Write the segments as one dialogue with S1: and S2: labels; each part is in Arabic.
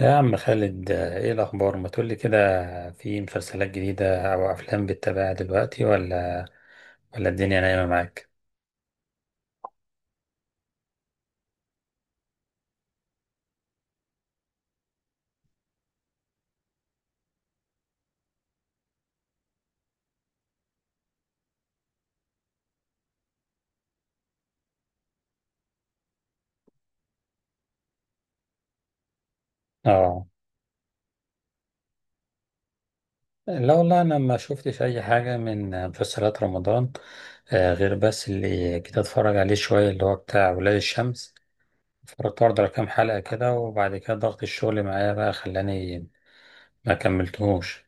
S1: يا عم خالد ايه الاخبار، ما تقولي كده. في مسلسلات جديده او افلام بتتابعها دلوقتي، ولا الدنيا نايمه معاك؟ اه، لا والله انا ما شفتش اي حاجه من مسلسلات رمضان. غير بس اللي كنت اتفرج عليه شويه اللي هو بتاع ولاد الشمس. اتفرجت برضه على كام حلقه كده، وبعد كده ضغط الشغل معايا بقى خلاني ما كملتهوش.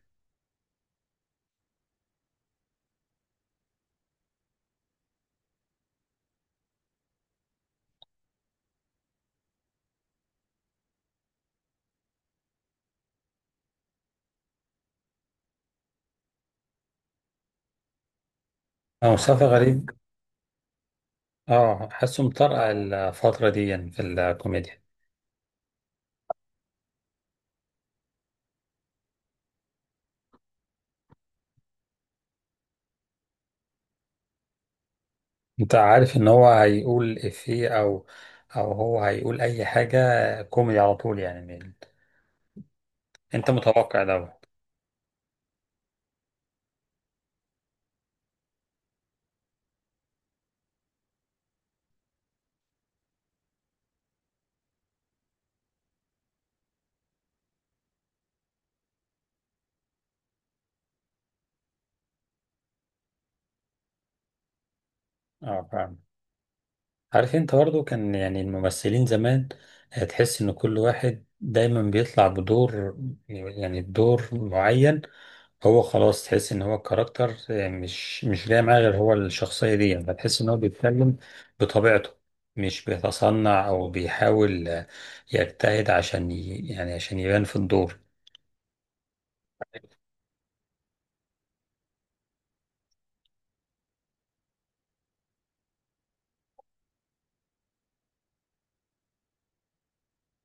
S1: اه مصطفى غريب، اه حاسه مطرقع الفتره دي يعني في الكوميديا. انت عارف ان هو هيقول افيه او او هو هيقول اي حاجة، كوميدي على طول يعني انت متوقع دوت. اه فاهم. عارف انت برضو كان يعني الممثلين زمان، تحس ان كل واحد دايما بيطلع بدور، يعني بدور معين. هو خلاص تحس ان هو الكاركتر، مش جاي معاه غير هو الشخصية دي، يعني فتحس ان هو بيتكلم بطبيعته، مش بيتصنع او بيحاول، يجتهد عشان يعني عشان يبان في الدور.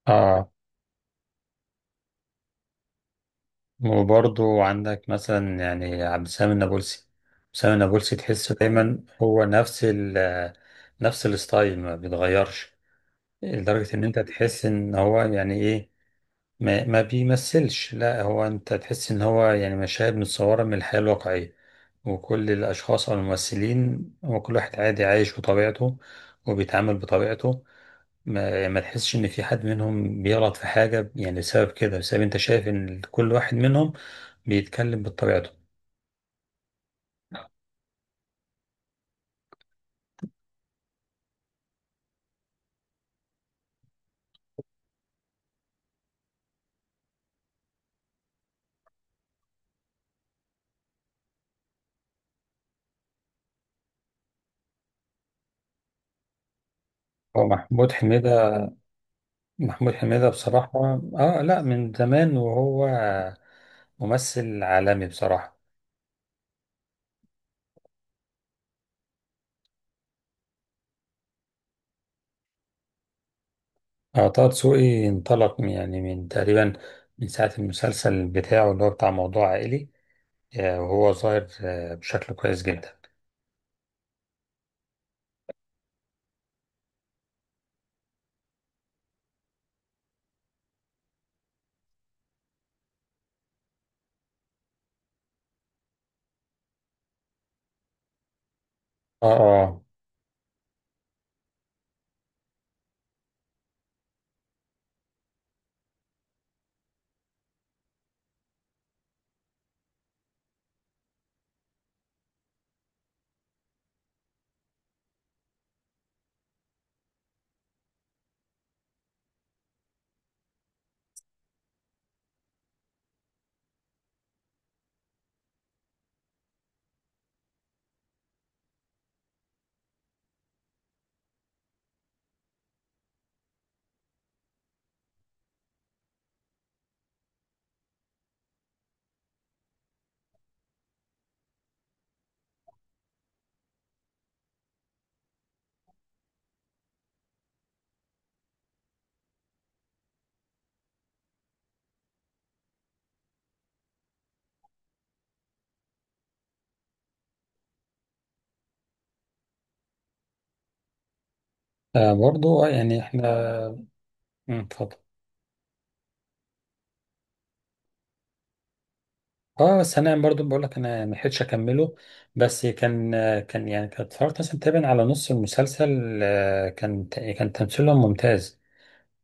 S1: اه وبرضو عندك مثلا يعني عبد السلام النابلسي، سامي النابلسي، تحسه دايما هو نفس نفس الستايل ما بيتغيرش، لدرجة ان انت تحس ان هو يعني ايه، ما بيمثلش. لا هو انت تحس ان هو يعني مشاهد متصورة من الحياة الواقعية، وكل الاشخاص او الممثلين هو كل واحد عادي عايش بطبيعته وبيتعامل بطبيعته. ما تحسش ان في حد منهم بيغلط في حاجة يعني بسبب كده، بسبب انت شايف ان كل واحد منهم بيتكلم بطبيعته. هو محمود حميدة، محمود حميدة بصراحة، اه لا، من زمان وهو ممثل عالمي بصراحة. اه طه دسوقي انطلق يعني من تقريبا من ساعة المسلسل بتاعه اللي هو بتاع موضوع عائلي، وهو ظاهر، بشكل كويس جدا. اه اه، برضو، يعني احنا، اتفضل. اه بس انا برضو بقول لك انا ما لحقتش اكمله، بس كان، كان يعني كنت اتفرجت مثلا تقريبا على نص المسلسل، كان تمثيلهم ممتاز،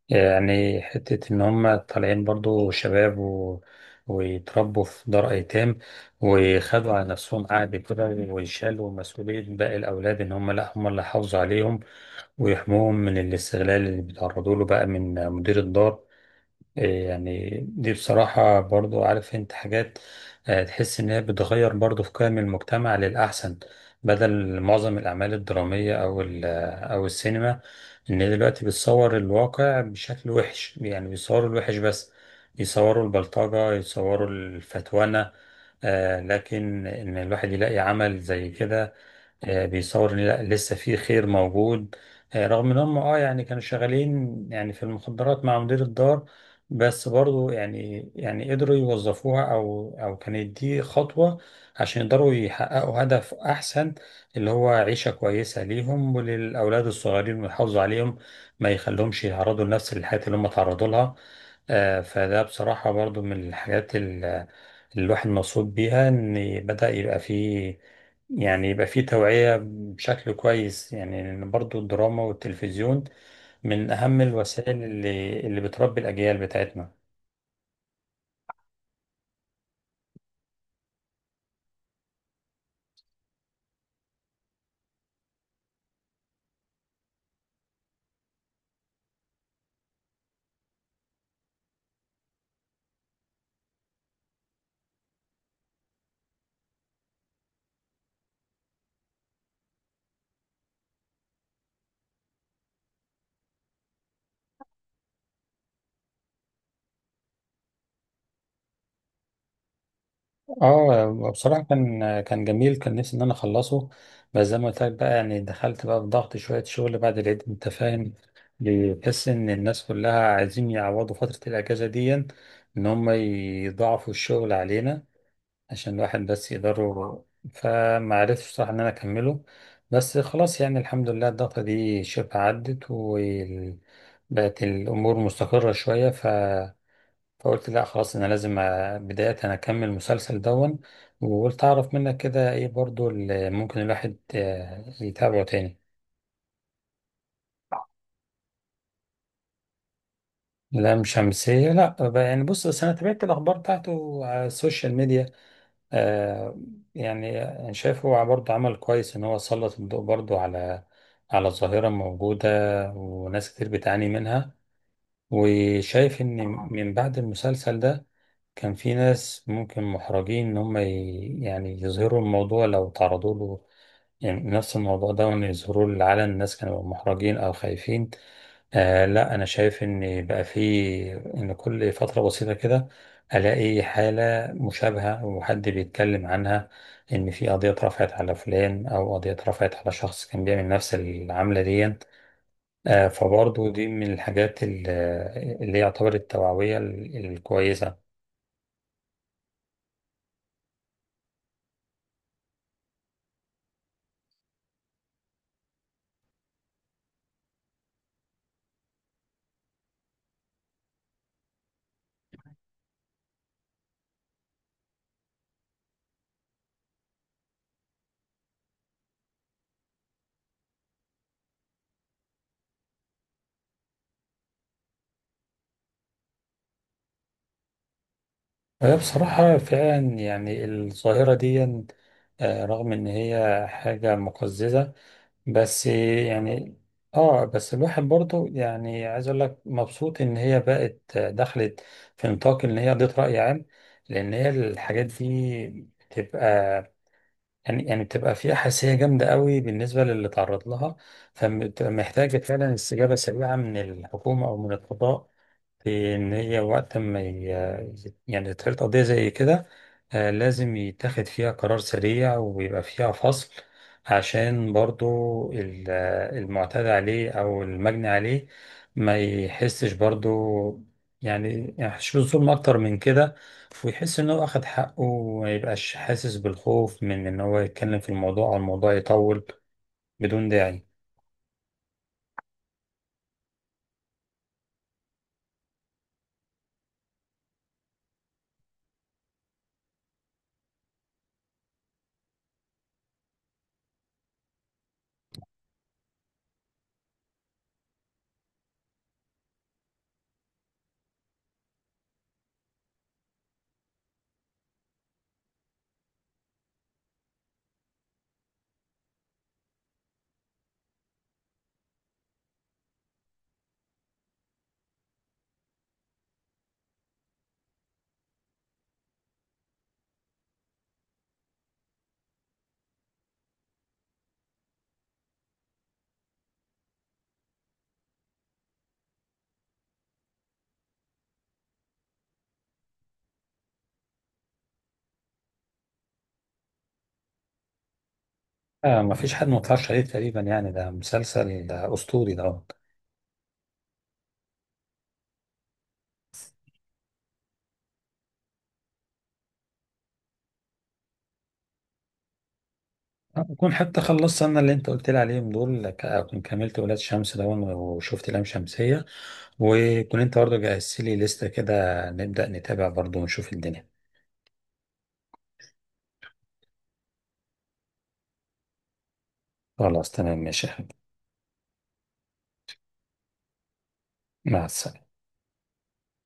S1: يعني حتة ان هم طالعين برضو شباب ويتربوا في دار ايتام، وخدوا على نفسهم قعد كده ويشالوا مسؤولية باقي الاولاد ان هم لا هم اللي حافظوا عليهم ويحموهم من الاستغلال اللي بيتعرضوا له بقى من مدير الدار. إيه يعني دي بصراحة برضو عارف انت حاجات، تحس ان هي بتغير برضو في قيم المجتمع للأحسن، بدل معظم الأعمال الدرامية أو أو السينما، إن هي دلوقتي بتصور الواقع بشكل وحش، يعني بيصوروا الوحش بس، يصوروا البلطجة، يصوروا الفتوانة، لكن إن الواحد يلاقي عمل زي كده، بيصور ان لا لسه في خير موجود، رغم ان هم اه يعني كانوا شغالين يعني في المخدرات مع مدير الدار، بس برضو يعني يعني قدروا يوظفوها او او كانت دي خطوة عشان يقدروا يحققوا هدف احسن، اللي هو عيشة كويسة ليهم وللاولاد الصغيرين ويحافظوا عليهم، ما يخليهمش يتعرضوا لنفس الحياة اللي هم تعرضوا لها. فده بصراحة برضو من الحاجات اللي الواحد مبسوط بيها ان بدأ يبقى فيه، يعني يبقى في توعية بشكل كويس، يعني لأن برضو الدراما والتلفزيون من أهم الوسائل اللي بتربي الأجيال بتاعتنا. اه بصراحة كان، كان جميل، كان نفسي إن أنا أخلصه، بس زي ما قلت لك بقى يعني دخلت بقى في ضغط شوية شغل بعد العيد، أنت فاهم، بتحس إن الناس كلها عايزين يعوضوا فترة الأجازة دي، إن هم يضاعفوا الشغل علينا عشان الواحد بس يقدره. فما عرفتش صراحة ان انا اكمله، بس خلاص يعني الحمد لله الضغطة دي شبه عدت وبقت الامور مستقرة شوية فقلت لا خلاص انا لازم بداية انا اكمل المسلسل دون، وقلت اعرف منك كده ايه برضو اللي ممكن الواحد، يتابعه تاني. لام شمسية، لا بقى يعني بص، بس انا تابعت الاخبار بتاعته على السوشيال ميديا. آه يعني أنا شايف هو برضه عمل كويس إن هو سلط الضوء برضه على على ظاهرة موجودة وناس كتير بتعاني منها، وشايف إن من بعد المسلسل ده كان في ناس ممكن محرجين إن هم يعني يظهروا الموضوع لو تعرضوا له، يعني نفس الموضوع ده، وإن يظهروا للعلن الناس كانوا محرجين أو خايفين. آه لا، أنا شايف إن بقى في، إن كل فترة بسيطة كده ألاقي حالة مشابهة وحد بيتكلم عنها، إن في قضية اترفعت على فلان أو قضية اترفعت على شخص كان بيعمل نفس العملة دي. آه فبرضه دي من الحاجات اللي هي يعتبر التوعوية الكويسة. هي بصراحة فعلا يعني الظاهرة دي، رغم إن هي حاجة مقززة، بس يعني، آه بس الواحد برضو يعني عايز أقول لك مبسوط إن هي بقت، دخلت في نطاق إن هي قضية رأي عام، لأن هي الحاجات دي بتبقى، يعني يعني بتبقى فيها حساسية جامدة قوي بالنسبة للي تعرض لها، فبتبقى محتاجة فعلا استجابة سريعة من الحكومة أو من القضاء، في إن هي وقت ما يعني تتخذ قضية زي كده، لازم يتاخد فيها قرار سريع ويبقى فيها فصل، عشان برضو المعتدى عليه أو المجني عليه ما يحسش برضو، يعني يحسش بالظلم أكتر من كده، ويحس إن هو أخد حقه وما يبقاش حاسس بالخوف من إن هو يتكلم في الموضوع أو الموضوع يطول بدون داعي. آه، مفيش حد متفرجش عليه تقريبا، يعني ده مسلسل ده أسطوري ده. أكون حتى خلصت أنا اللي أنت قلت لي عليهم دول، أكون كملت ولاد شمس ده وشفت لام شمسية، وكون أنت برضه جهزت لي لستة كده، نبدأ نتابع برضه ونشوف الدنيا. خلاص تمام ماشي يا حبيبي. مع السلامة.